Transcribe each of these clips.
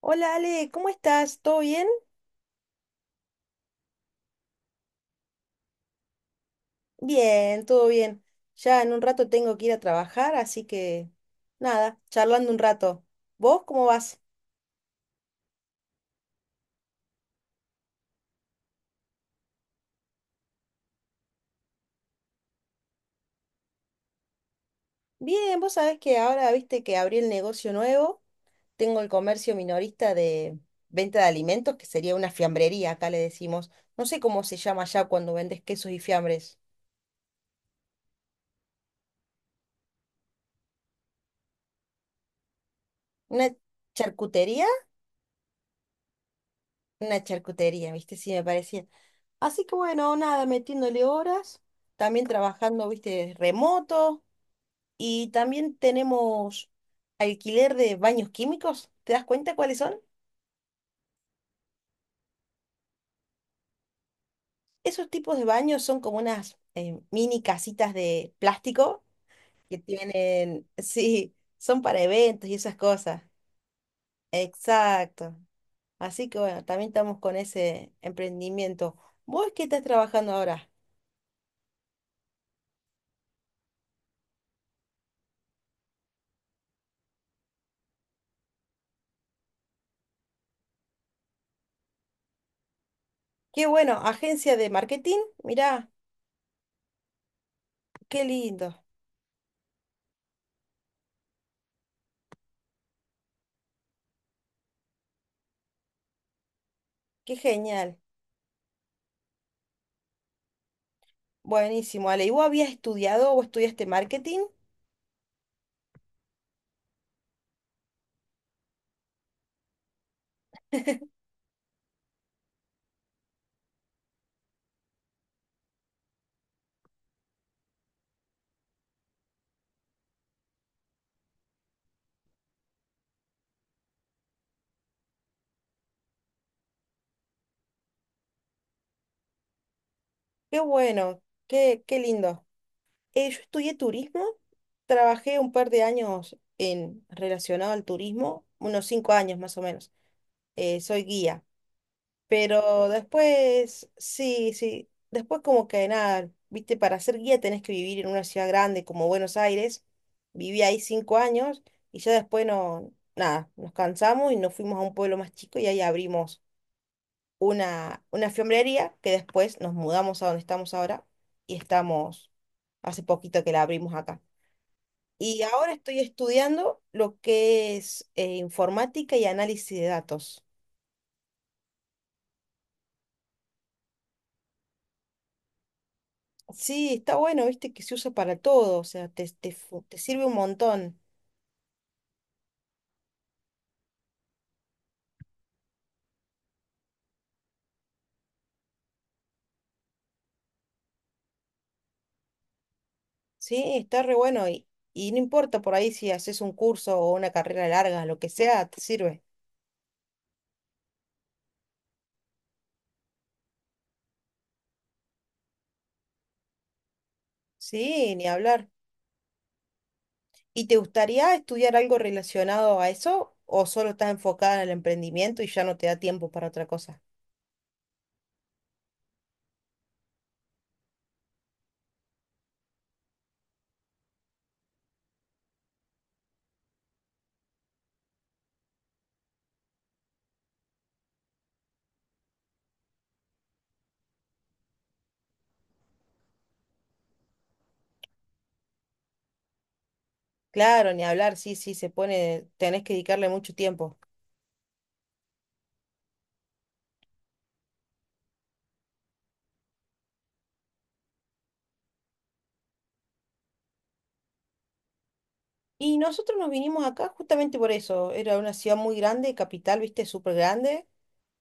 Hola Ale, ¿cómo estás? ¿Todo bien? Bien, todo bien. Ya en un rato tengo que ir a trabajar, así que nada, charlando un rato. ¿Vos cómo vas? Bien, vos sabés que ahora viste que abrí el negocio nuevo, tengo el comercio minorista de venta de alimentos, que sería una fiambrería, acá le decimos. No sé cómo se llama ya cuando vendes quesos y fiambres. ¿Una charcutería? Una charcutería, viste, sí me parecía. Así que bueno, nada, metiéndole horas, también trabajando, viste, remoto. Y también tenemos alquiler de baños químicos. ¿Te das cuenta cuáles son? Esos tipos de baños son como unas mini casitas de plástico que tienen, sí, son para eventos y esas cosas. Exacto. Así que bueno, también estamos con ese emprendimiento. ¿Vos qué estás trabajando ahora? Qué bueno, agencia de marketing. Mirá, qué lindo, qué genial. Buenísimo, Ale. ¿Y vos habías estudiado o estudiaste marketing? Qué bueno, qué lindo. Yo estudié turismo, trabajé un par de años en relacionado al turismo, unos 5 años más o menos. Soy guía, pero después, sí, sí, después como que nada, viste, para ser guía tenés que vivir en una ciudad grande como Buenos Aires. Viví ahí 5 años y ya después no, nada, nos cansamos y nos fuimos a un pueblo más chico y ahí abrimos una fiambrería que después nos mudamos a donde estamos ahora y estamos hace poquito que la abrimos acá. Y ahora estoy estudiando lo que es informática y análisis de datos. Sí, está bueno, viste que se usa para todo, o sea, te sirve un montón. Sí, está re bueno y no importa por ahí si haces un curso o una carrera larga, lo que sea, te sirve. Sí, ni hablar. ¿Y te gustaría estudiar algo relacionado a eso o solo estás enfocada en el emprendimiento y ya no te da tiempo para otra cosa? Claro, ni hablar, sí, sí, se pone, tenés que dedicarle mucho tiempo. Y nosotros nos vinimos acá justamente por eso. Era una ciudad muy grande, capital, viste, súper grande.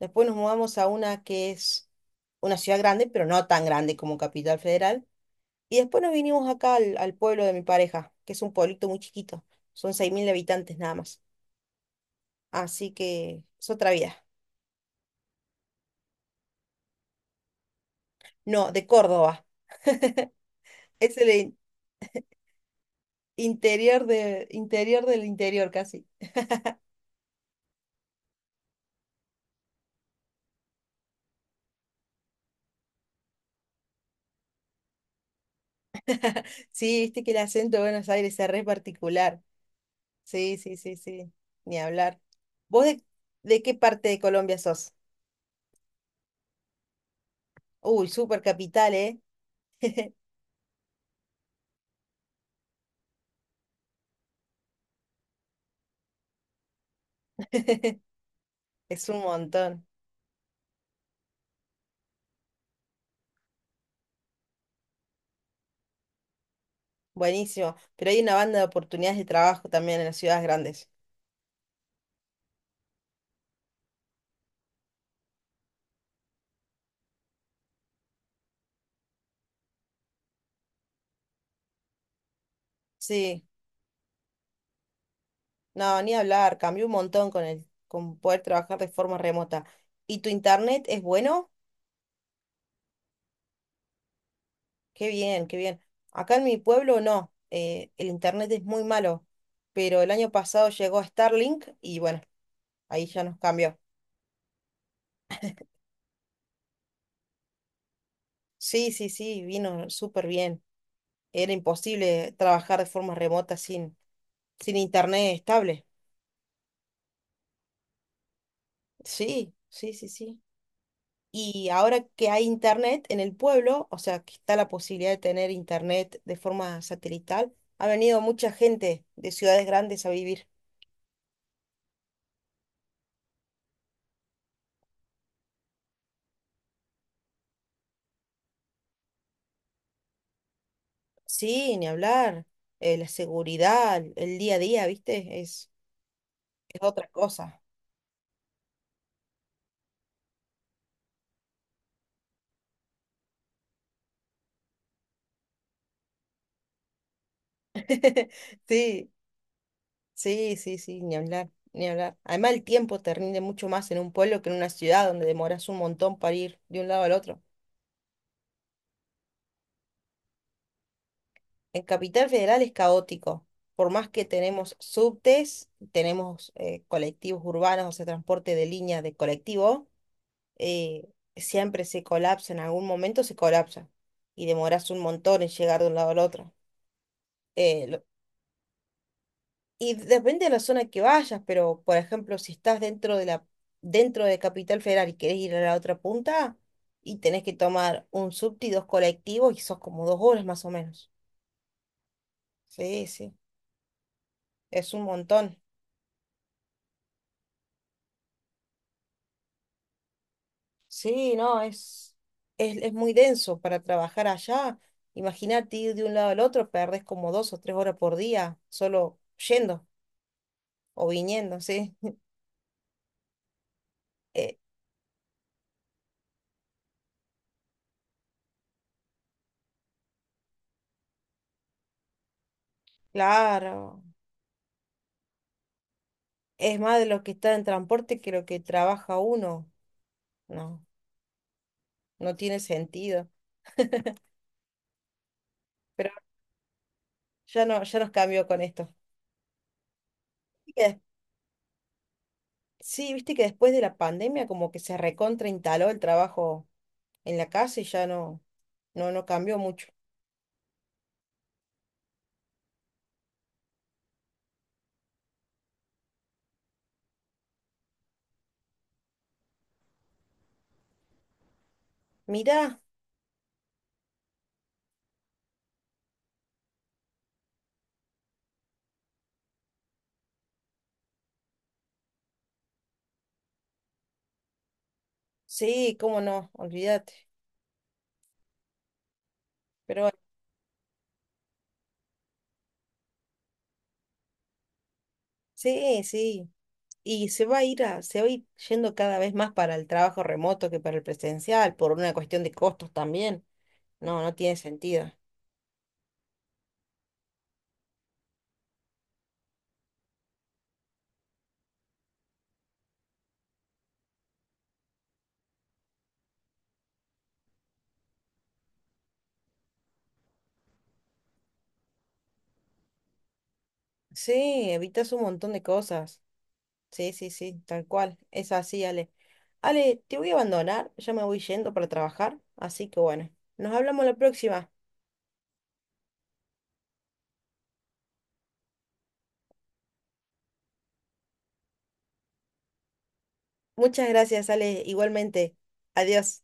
Después nos mudamos a una que es una ciudad grande, pero no tan grande como Capital Federal. Y después nos vinimos acá al pueblo de mi pareja, que es un pueblito muy chiquito. Son 6.000 habitantes nada más. Así que es otra vida. No, de Córdoba. Es el interior, interior del interior casi. Sí, viste que el acento de Buenos Aires es re particular. Sí, sí, sí, sí, ni hablar. ¿Vos de qué parte de Colombia sos? Uy, super capital, ¿eh? Es un montón. Buenísimo. Pero hay una banda de oportunidades de trabajo también en las ciudades grandes. Sí, no, ni hablar. Cambió un montón con el, con poder trabajar de forma remota. ¿Y tu internet es bueno? Qué bien, qué bien. Acá en mi pueblo no. El internet es muy malo. Pero el año pasado llegó Starlink y bueno, ahí ya nos cambió. Sí, sí, sí, vino súper bien. Era imposible trabajar de forma remota sin internet estable. Sí, sí, sí, sí. Y ahora que hay internet en el pueblo, o sea, que está la posibilidad de tener internet de forma satelital, ha venido mucha gente de ciudades grandes a vivir. Sí, ni hablar. La seguridad, el día a día, ¿viste? Es otra cosa. Sí, sí, sí, sí, ni hablar, ni hablar. Además, el tiempo te rinde mucho más en un pueblo que en una ciudad donde demoras un montón para ir de un lado al otro. En Capital Federal es caótico. Por más que tenemos subtes, tenemos colectivos urbanos, o sea, transporte de línea de colectivo, eh, siempre se colapsa, en algún momento se colapsa y demoras un montón en llegar de un lado al otro. Eh, lo- y depende de la zona que vayas, pero por ejemplo, si estás dentro de Capital Federal y querés ir a la otra punta y tenés que tomar un subte y dos colectivos y sos como 2 horas más o menos. Sí, sí, es un montón. Sí, no, es muy denso para trabajar allá. Imagínate ir de un lado al otro, perdés como 2 o 3 horas por día solo yendo o viniendo, ¿sí? Eh, claro, es más de lo que está en transporte que lo que trabaja uno. No, no tiene sentido. Pero ya no, ya nos cambió con esto. Viste que des- Sí, viste que después de la pandemia como que se recontra instaló el trabajo en la casa y ya no cambió mucho. Mirá, sí, cómo no, olvídate. Pero bueno, sí, sí. Y se va a ir a, se va a ir yendo cada vez más para el trabajo remoto que para el presencial, por una cuestión de costos también. No, no tiene sentido. Sí, evitas un montón de cosas. Sí, sí, sí, tal cual. Es así, Ale. Ale, te voy a abandonar, ya me voy yendo para trabajar, así que bueno, nos hablamos la próxima. Muchas gracias, Ale, igualmente. Adiós.